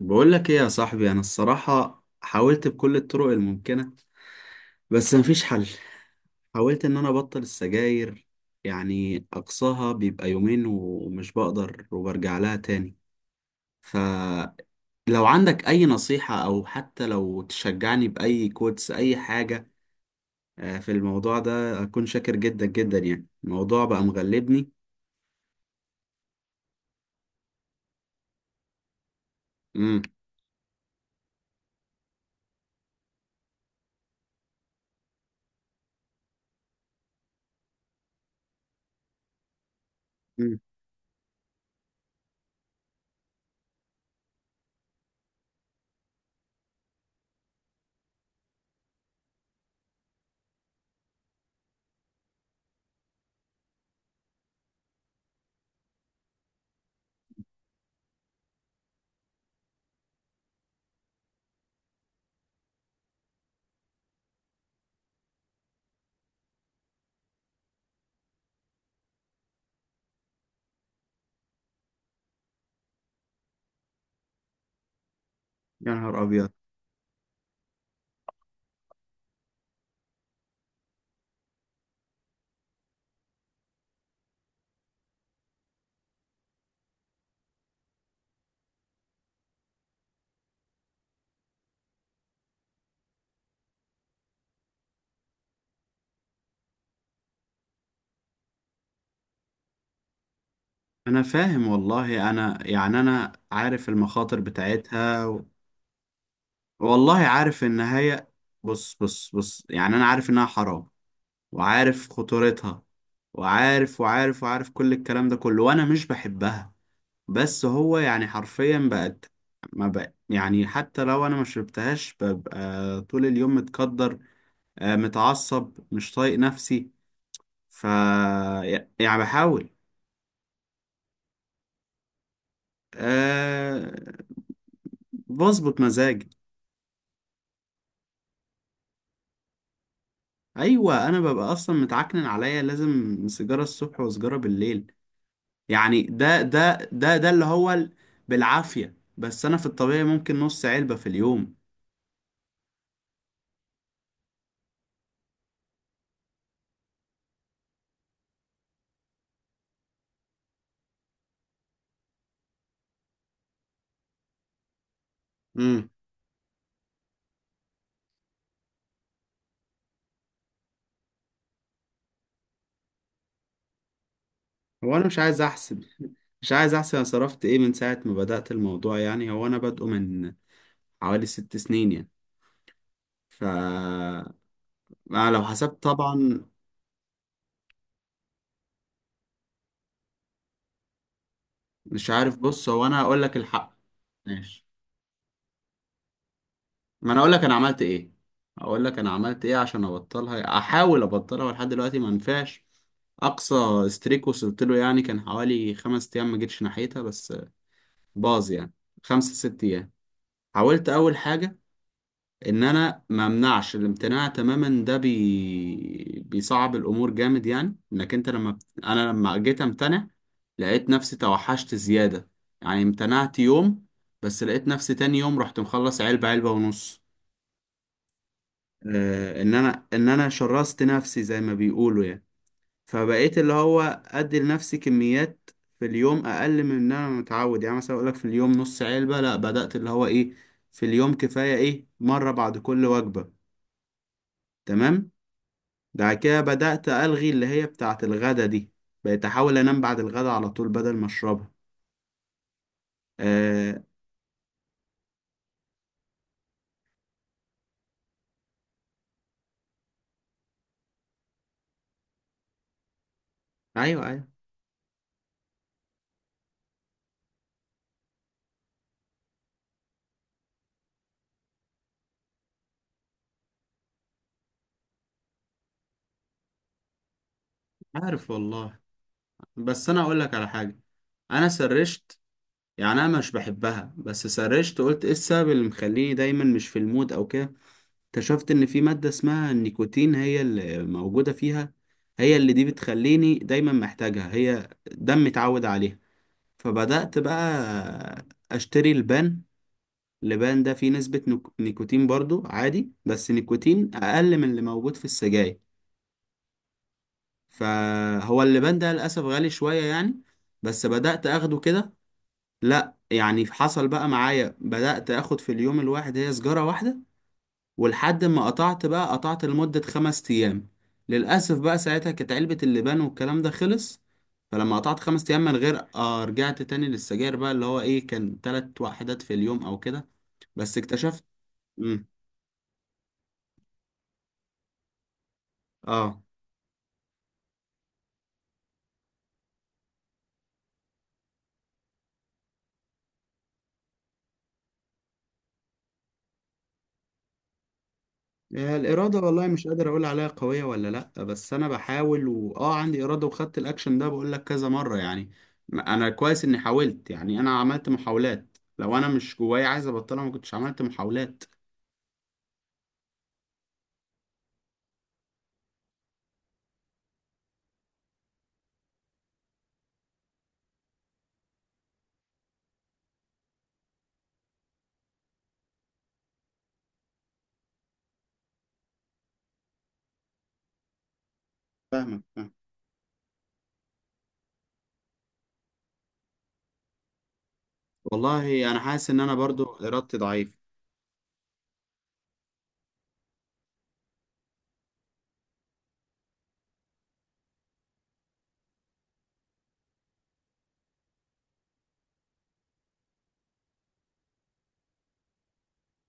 بقول لك ايه يا صاحبي، انا الصراحة حاولت بكل الطرق الممكنة، بس مفيش حل. حاولت ان انا ابطل السجاير، يعني اقصاها بيبقى يومين ومش بقدر وبرجع لها تاني. فلو عندك اي نصيحة او حتى لو تشجعني باي كوتس اي حاجة في الموضوع ده اكون شاكر جدا جدا، يعني الموضوع بقى مغلبني. امم. أمم. يا نهار ابيض! انا فاهم والله، انا يعني انا عارف المخاطر بتاعتها. والله عارف ان هي، بص بص بص، يعني انا عارف انها حرام، وعارف خطورتها، وعارف وعارف وعارف كل الكلام ده كله، وانا مش بحبها. بس هو يعني حرفيا بقت، ما بقى يعني حتى لو انا ما شربتهاش ببقى طول اليوم متقدر، متعصب مش طايق نفسي ف يعني بحاول. أه، بظبط مزاجي. ايوه، انا ببقى اصلا متعكنن عليا، لازم سيجاره الصبح وسيجاره بالليل. يعني ده اللي هو بالعافية، بس انا في الطبيعي ممكن نص علبة في اليوم. امم. هو انا مش عايز احسب. مش عايز احسب انا صرفت ايه من ساعة ما بدأت الموضوع، يعني هو انا بادئه من حوالي 6 سنين يعني ف أنا لو حسبت طبعا... مش عارف. بص، هو انا هقول لك الحق. ماشي. ما انا اقول لك انا عملت ايه اقول لك انا عملت ايه عشان ابطلها، احاول ابطلها لحد دلوقتي ما نفعش. اقصى استريك وصلت له، يعني كان حوالي 5 ايام ما جيتش ناحيتها، بس باظ يعني. خمسة ست أيام. حاولت أول حاجة، إن أنا ما أمنعش. الامتناع تماما ده بيصعب الأمور جامد، يعني إنك أنت لما بت... أنا لما جيت أمتنع لقيت نفسي توحشت زيادة. يعني امتنعت يوم، بس لقيت نفسي تاني يوم رحت مخلص علبة، علبة ونص. آه، إن أنا شرست نفسي زي ما بيقولوا يعني. فبقيت اللي هو ادي لنفسي كميات في اليوم اقل من ان انا متعود. يعني مثلا اقول لك في اليوم نص علبة. لا، بدأت اللي هو ايه، في اليوم كفاية ايه، مرة بعد كل وجبة. تمام. بعد كده بدأت ألغي اللي هي بتاعة الغدا دي. بقيت احاول انام بعد الغدا على طول بدل ما اشربها. آه. ايوه، ايوه. عارف والله. بس انا اقول لك على حاجة. انا سرشت، يعني انا مش بحبها، بس سرشت قلت ايه السبب اللي مخليني دايما مش في المود او كده. اكتشفت ان في مادة اسمها النيكوتين هي اللي موجودة فيها. هي اللي دي بتخليني دايما محتاجها، هي دم متعود عليها. فبدأت بقى اشتري البان. اللبان ده فيه نسبة نيكوتين برضو عادي، بس نيكوتين اقل من اللي موجود في السجاير. فهو اللبان ده للأسف غالي شوية يعني. بس بدأت اخده كده. لا يعني حصل بقى معايا، بدأت اخد في اليوم الواحد هي سجارة واحدة. ولحد ما قطعت، بقى قطعت لمدة 5 أيام. للأسف بقى ساعتها كانت علبة اللبان والكلام ده خلص. فلما قطعت 5 أيام من غير، رجعت تاني للسجاير، بقى اللي هو إيه، كان 3 وحدات في اليوم أو كده. بس اكتشفت. مم. آه. الإرادة والله مش قادر أقول عليها قوية ولا... لأ، بس أنا بحاول وآه عندي إرادة وخدت الأكشن ده، بقول لك كذا مرة يعني. أنا كويس إني حاولت، يعني أنا عملت محاولات، لو أنا مش جوايا عايز أبطلها ما كنتش عملت محاولات. فاهمك. والله انا حاسس ان انا برضو ارادتي ضعيفه.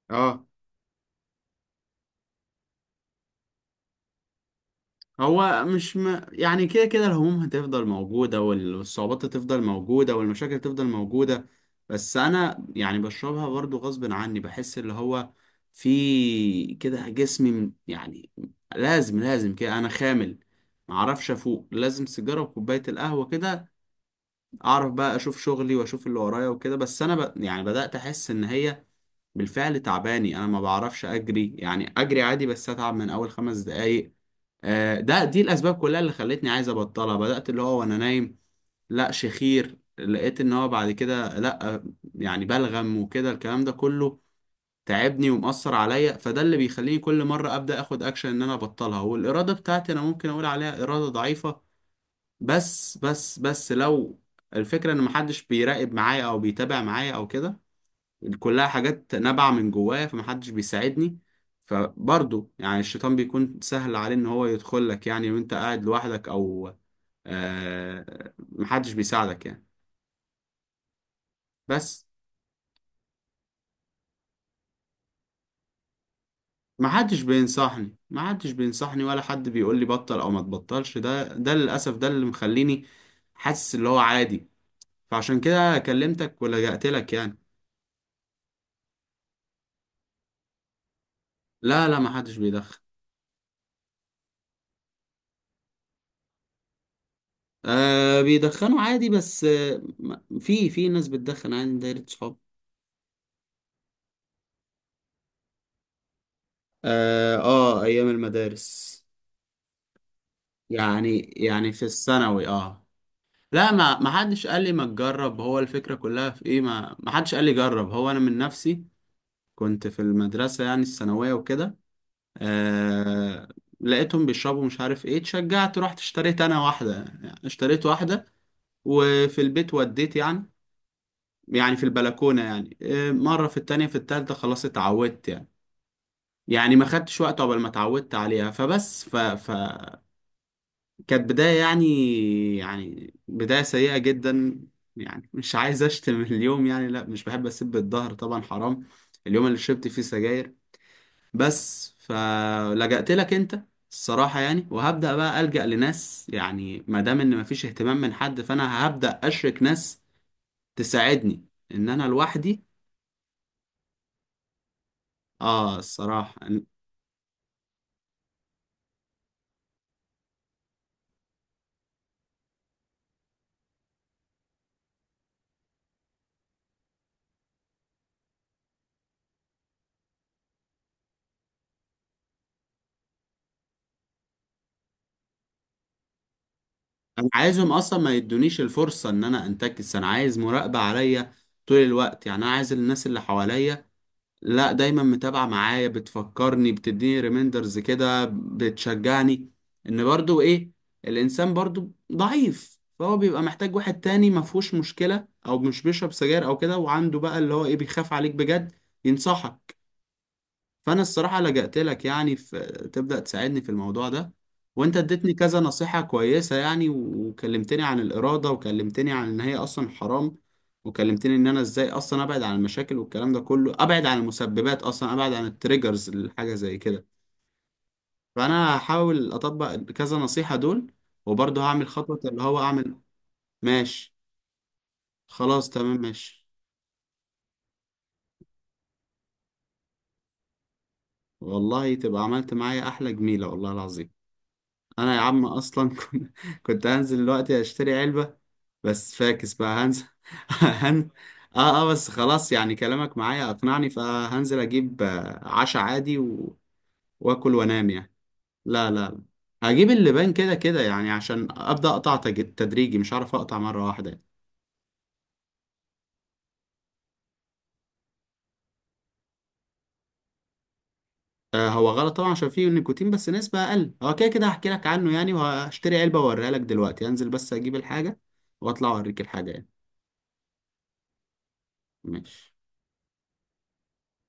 اه. هو مش يعني كده كده الهموم هتفضل موجوده والصعوبات هتفضل موجوده والمشاكل هتفضل موجوده. بس انا يعني بشربها برضو غصب عني، بحس اللي هو في كده جسمي يعني لازم لازم كده انا خامل، معرفش افوق، لازم سيجاره وكوبايه القهوه كده. اعرف بقى اشوف شغلي واشوف اللي ورايا وكده. بس انا يعني بدات احس ان هي بالفعل تعباني، انا ما بعرفش اجري، يعني اجري عادي بس اتعب من اول 5 دقايق. دي الاسباب كلها اللي خلتني عايز ابطلها. بدات اللي هو وانا نايم لا شخير، لقيت ان هو بعد كده لا، يعني بلغم وكده الكلام ده كله تعبني ومأثر عليا. فده اللي بيخليني كل مرة ابدا اخد اكشن ان انا ابطلها، والارادة بتاعتي انا ممكن اقول عليها ارادة ضعيفة. بس لو الفكرة ان محدش بيراقب معايا او بيتابع معايا او كده، كلها حاجات نابعة من جوايا، فمحدش بيساعدني. فبرضه يعني الشيطان بيكون سهل عليه ان هو يدخل لك، يعني وانت قاعد لوحدك او محدش بيساعدك يعني. بس محدش بينصحني، محدش بينصحني، ولا حد بيقول لي بطل او ما تبطلش. ده للاسف ده اللي مخليني حاسس اللي هو عادي، فعشان كده كلمتك ولجأت لك يعني. لا، لا، محدش بيدخن. آه، بيدخنوا عادي، بس في ناس بتدخن عادي من دايرة صحابي. اه، ايام المدارس. يعني في الثانوي. اه. لا، ما حدش قال لي ما تجرب. هو الفكرة كلها في ايه، ما حدش قال لي جرب، هو انا من نفسي. كنت في المدرسة يعني الثانوية وكده. آه. لقيتهم بيشربوا مش عارف ايه، اتشجعت رحت اشتريت انا واحدة، يعني اشتريت واحدة. وفي البيت وديت يعني في البلكونة يعني، مرة، في التانية، في التالتة خلاص اتعودت يعني. يعني ما خدتش وقت عقبال ما اتعودت عليها، فبس ف ف كانت بداية، يعني بداية سيئة جدا. يعني مش عايز أشتم اليوم يعني، لا مش بحب أسب الظهر طبعا حرام، اليوم اللي شربت فيه سجاير. بس فلجأت لك أنت الصراحة يعني، وهبدأ بقى ألجأ لناس، يعني ما دام إن مفيش اهتمام من حد فأنا هبدأ أشرك ناس تساعدني إن أنا لوحدي. الصراحة أنا. أنا عايزهم أصلا ما يدونيش الفرصة إن أنا أنتكس. أنا عايز مراقبة عليا طول الوقت، يعني أنا عايز الناس اللي حواليا لا دايما متابعة معايا، بتفكرني، بتديني ريميندرز كده، بتشجعني. ان برضو ايه، الانسان برضو ضعيف، فهو بيبقى محتاج واحد تاني ما فيهوش مشكلة او مش بيشرب سجاير او كده، وعنده بقى اللي هو ايه بيخاف عليك بجد ينصحك. فانا الصراحه لجأت لك يعني في، تبدأ تساعدني في الموضوع ده. وانت اديتني كذا نصيحه كويسه يعني، وكلمتني عن الاراده، وكلمتني عن ان هي اصلا حرام. وكلمتني ان انا ازاي اصلا ابعد عن المشاكل والكلام ده كله، ابعد عن المسببات، اصلا ابعد عن التريجرز لحاجه زي كده. فانا هحاول اطبق كذا نصيحه دول، وبرضه هعمل خطوه اللي هو اعمل. ماشي. خلاص تمام. ماشي. والله تبقى عملت معايا احلى جميله والله العظيم. انا يا عم اصلا كنت هنزل دلوقتي اشتري علبه، بس فاكس بقى هنزل. هن... اه، اه، بس خلاص، يعني كلامك معايا اقنعني فهنزل اجيب عشا عادي واكل وانام يعني. لا، لا، لا. هجيب اللبان كده كده يعني، عشان ابدا اقطع تدريجي، مش هعرف اقطع مره واحده يعني. آه، هو غلط طبعا عشان فيه نيكوتين بس نسبه اقل، هو كده كده هحكي لك عنه يعني، وهشتري علبه واوريها لك دلوقتي. هنزل بس اجيب الحاجه واطلع اوريك الحاجه يعني. ماشي.